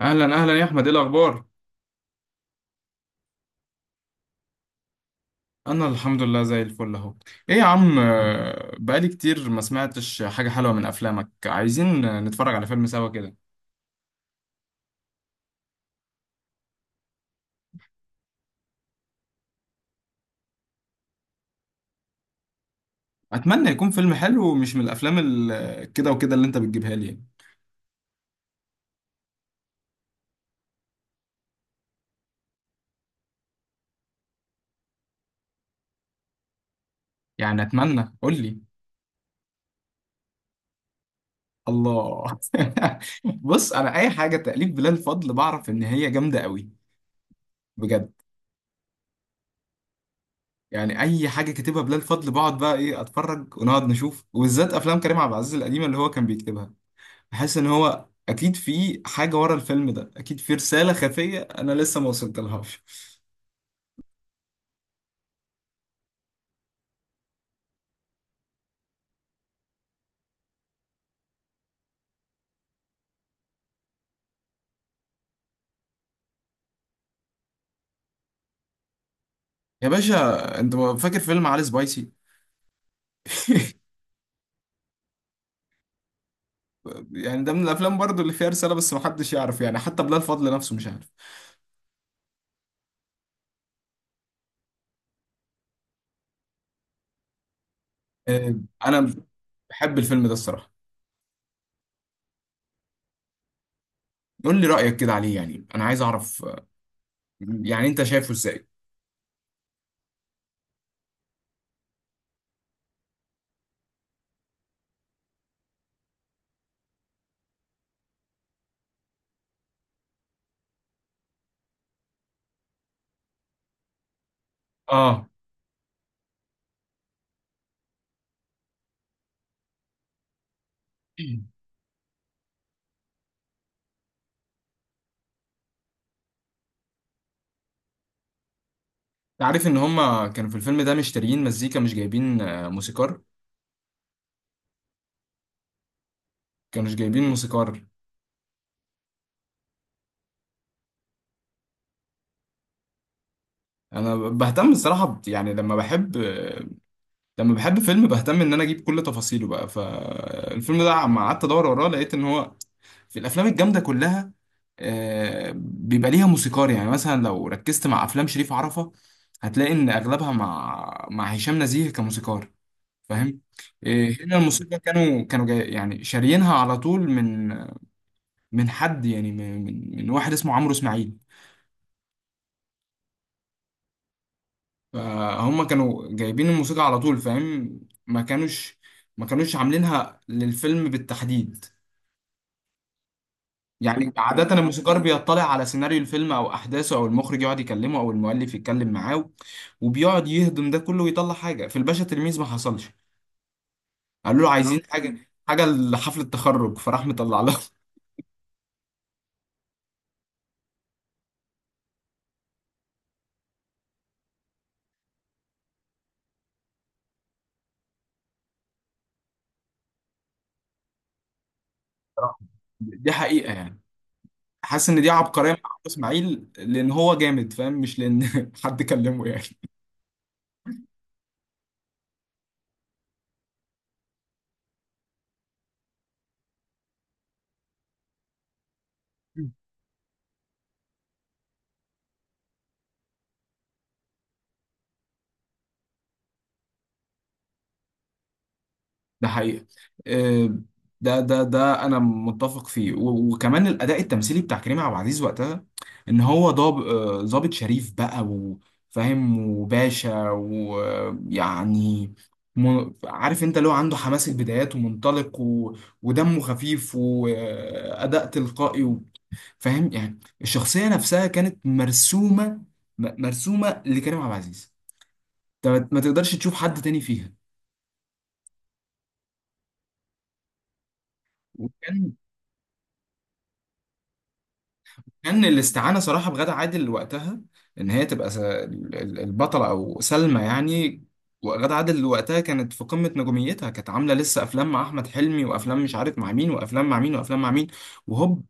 اهلا اهلا يا احمد، ايه الاخبار؟ انا الحمد لله زي الفل اهو. ايه يا عم، بقالي كتير ما سمعتش حاجه حلوه من افلامك. عايزين نتفرج على فيلم سوا كده. اتمنى يكون فيلم حلو ومش من الافلام كده وكده اللي انت بتجيبها لي، يعني. يعني اتمنى، قول لي. الله. بص، انا اي حاجه تأليف بلال فضل بعرف ان هي جامده قوي. بجد. يعني اي حاجه كاتبها بلال فضل بقعد بقى ايه اتفرج ونقعد نشوف، وبالذات افلام كريم عبد العزيز القديمه اللي هو كان بيكتبها. بحس ان هو اكيد في حاجه ورا الفيلم ده، اكيد في رساله خفيه انا لسه ما وصلتلهاش. يا باشا، انت فاكر فيلم علي سبايسي؟ يعني ده من الافلام برضو اللي فيها رساله، بس ما حدش يعرف، يعني حتى بلال فضل نفسه مش عارف. آه، انا بحب الفيلم ده الصراحه. قول لي رايك كده عليه، يعني انا عايز اعرف. يعني انت شايفه ازاي؟ اه، انت عارف ان هما كانوا في الفيلم ده مشتريين مزيكا مش جايبين موسيقار. كانوا مش جايبين موسيقار. انا بهتم الصراحه يعني لما بحب. لما بحب فيلم بهتم ان انا اجيب كل تفاصيله بقى. فالفيلم ده عم قعدت ادور وراه، لقيت ان هو في الافلام الجامده كلها بيبقى ليها موسيقار. يعني مثلا لو ركزت مع افلام شريف عرفة هتلاقي ان اغلبها مع هشام نزيه كموسيقار. فاهم. هنا الموسيقى كانوا جاي، يعني شاريينها على طول من حد، يعني من واحد اسمه عمرو اسماعيل. فهم كانوا جايبين الموسيقى على طول، فاهم. ما كانوش ما كانوش عاملينها للفيلم بالتحديد. يعني عادة الموسيقار بيطلع على سيناريو الفيلم أو أحداثه، أو المخرج يقعد يكلمه، أو المؤلف يتكلم معاه وبيقعد يهضم ده كله ويطلع حاجة. في الباشا تلميذ ما حصلش. قالوا له عايزين حاجة لحفلة التخرج، فراح مطلع لهم. صراحة. دي حقيقة، يعني حاسس إن دي عبقرية مع عمرو إسماعيل لأن هو جامد، فاهم؟ مش لأن حد كلمه، يعني. ده حقيقة. آه، ده انا متفق فيه، وكمان الاداء التمثيلي بتاع كريم عبد العزيز وقتها ان هو ضابط شريف بقى وفاهم وباشا، ويعني عارف انت اللي هو عنده حماس البدايات ومنطلق، و... ودمه خفيف واداء تلقائي، و... فاهم؟ يعني الشخصية نفسها كانت مرسومة مرسومة لكريم عبد العزيز. انت ما تقدرش تشوف حد تاني فيها. وكان الاستعانة صراحة بغادة عادل وقتها إن هي تبقى البطلة، أو سلمى يعني. وغادة عادل وقتها كانت في قمة نجوميتها، كانت عاملة لسه أفلام مع أحمد حلمي، وأفلام مش عارف مع مين، وأفلام مع مين، وأفلام مع مين، وهوب،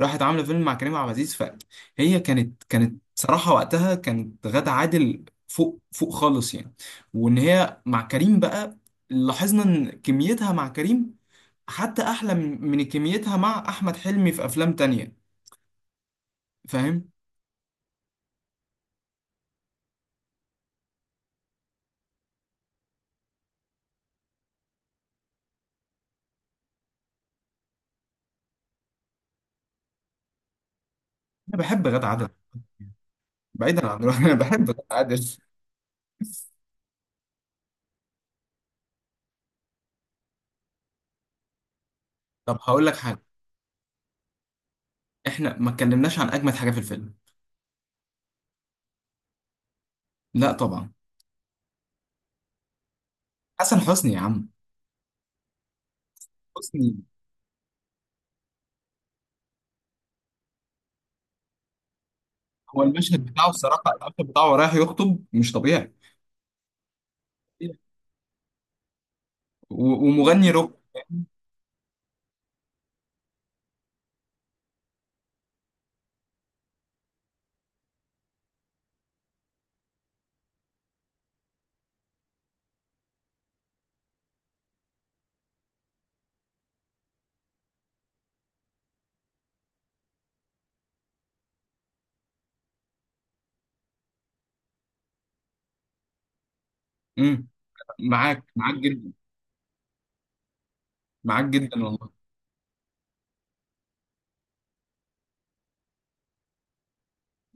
راحت عاملة فيلم مع كريم عبد العزيز. فهي كانت صراحة وقتها، كانت غادة عادل فوق فوق خالص، يعني. وإن هي مع كريم بقى، لاحظنا إن كميتها مع كريم حتى أحلى من كميتها مع أحمد حلمي في أفلام تانية، فاهم؟ انا بحب غادة عادل. بعيدا عن انا بحب غادة عادل. طب هقول لك حاجه، احنا ما اتكلمناش عن اجمد حاجه في الفيلم. لا، طبعا. حسن حسني يا عم. حسني. هو المشهد بتاعه الصراحه، المشهد بتاعه رايح يخطب مش طبيعي. ومغني روك. امم. معاك معاك جدا. معاك جدا والله.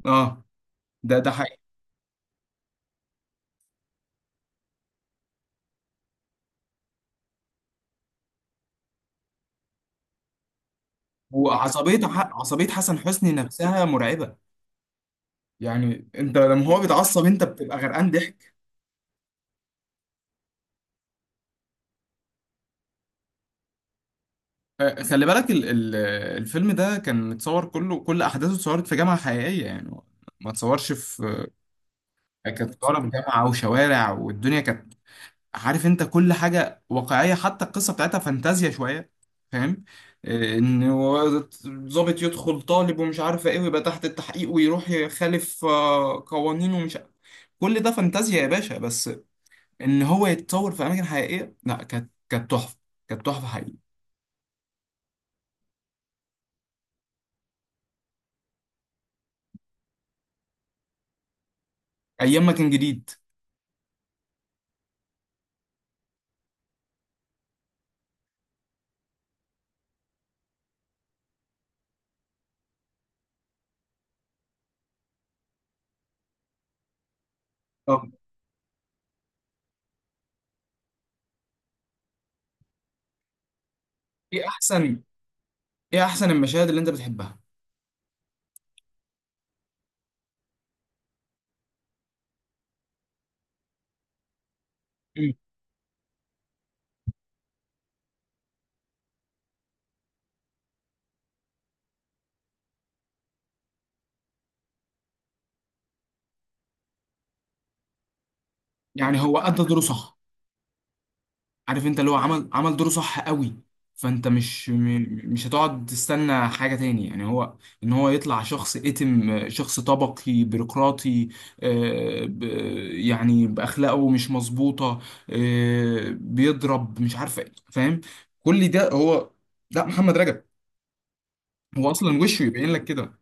اه، ده حقيقي. عصبيه حسن حسني نفسها مرعبه. يعني انت لما هو بيتعصب انت بتبقى غرقان ضحك. خلي بالك الفيلم ده كان متصور كله، كل احداثه اتصورت في جامعه حقيقيه، يعني ما اتصورش كانت صورة في جامعه وشوارع والدنيا، كانت عارف انت كل حاجه واقعيه، حتى القصه بتاعتها فانتازيا شويه، فاهم؟ ان هو ضابط يدخل طالب ومش عارف ايه، ويبقى تحت التحقيق ويروح يخالف قوانين، ومش كل ده فانتازيا يا باشا، بس ان هو يتصور في اماكن حقيقيه، لا، كانت تحفه. كانت تحفه حقيقيه. ايام ما كان جديد. طب، ايه احسن، ايه احسن المشاهد اللي انت بتحبها؟ مم. يعني هو ادى دوره صح. عارف انت اللي هو عمل دوره صح قوي. فانت مش مش هتقعد تستنى حاجة تاني، يعني هو ان هو يطلع شخص اتم شخص طبقي بيروقراطي، آه، ب- يعني باخلاقه مش مظبوطة، بيضرب مش عارف ايه، فاهم؟ كل ده هو ده محمد رجب. هو اصلا وشه يبين لك كده.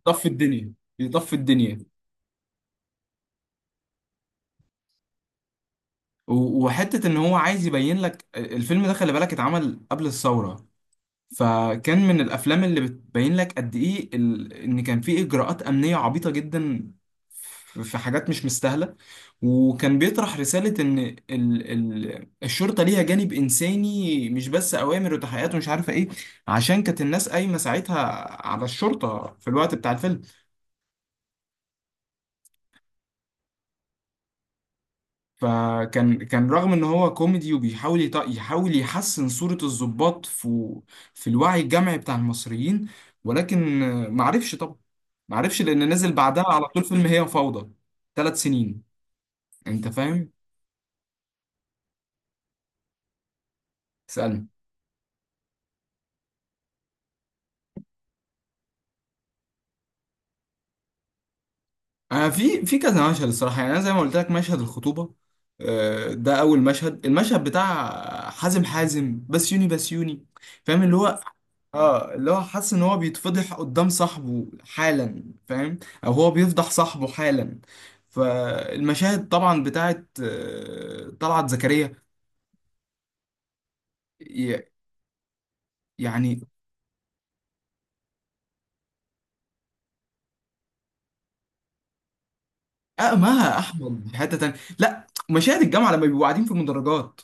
يطفي الدنيا، يطفي الدنيا. وحتة ان هو عايز يبين لك الفيلم ده، خلي بالك اتعمل قبل الثورة. فكان من الافلام اللي بتبين لك قد ايه، ان كان في اجراءات امنية عبيطة جدا، في حاجات مش مستاهلة. وكان بيطرح رسالة ان الشرطة ليها جانب انساني، مش بس اوامر وتحقيقات ومش عارفة ايه، عشان كانت الناس قايمة ساعتها على الشرطة في الوقت بتاع الفيلم. فكان رغم ان هو كوميدي وبيحاول يحاول يحسن صورة الضباط في الوعي الجمعي بتاع المصريين، ولكن معرفش طبعا، معرفش لان نزل بعدها على طول فيلم هي فوضى، 3 سنين، انت فاهم. اسالني. انا في كذا مشهد الصراحة، يعني انا زي ما قلت لك مشهد الخطوبة. ده اول المشهد بتاع حازم بسيوني، فاهم؟ اللي هو، اه، اللي هو حاسس ان هو بيتفضح قدام صاحبه حالا، فاهم؟ او هو بيفضح صاحبه حالا. فالمشاهد طبعا بتاعت طلعت زكريا. ي- يعني اقمها احمد في حته تانيه، لا، مشاهد الجامعه لما بيبقوا قاعدين في المدرجات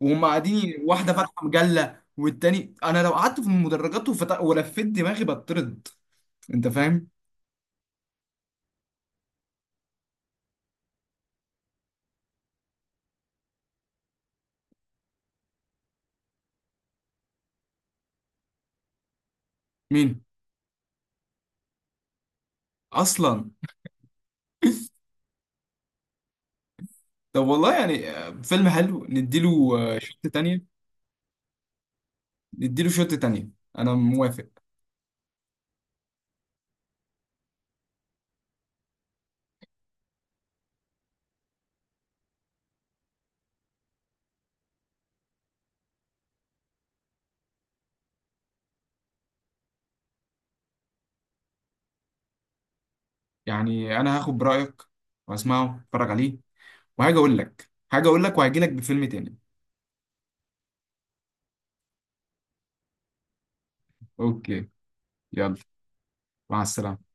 وهم قاعدين، واحده فاتحه مجله، والتاني انا لو قعدت في المدرجات ولفيت دماغي بطرد. انت فاهم؟ مين اصلا. طب والله يعني، فيلم حلو نديله شوط تانية. نديله شوت تانية. انا موافق. يعني انا هاخد برأيك واسمعه اتفرج عليه، وهاجي اقول لك، وهجي لك بفيلم تاني. اوكي. يلا. مع السلامة.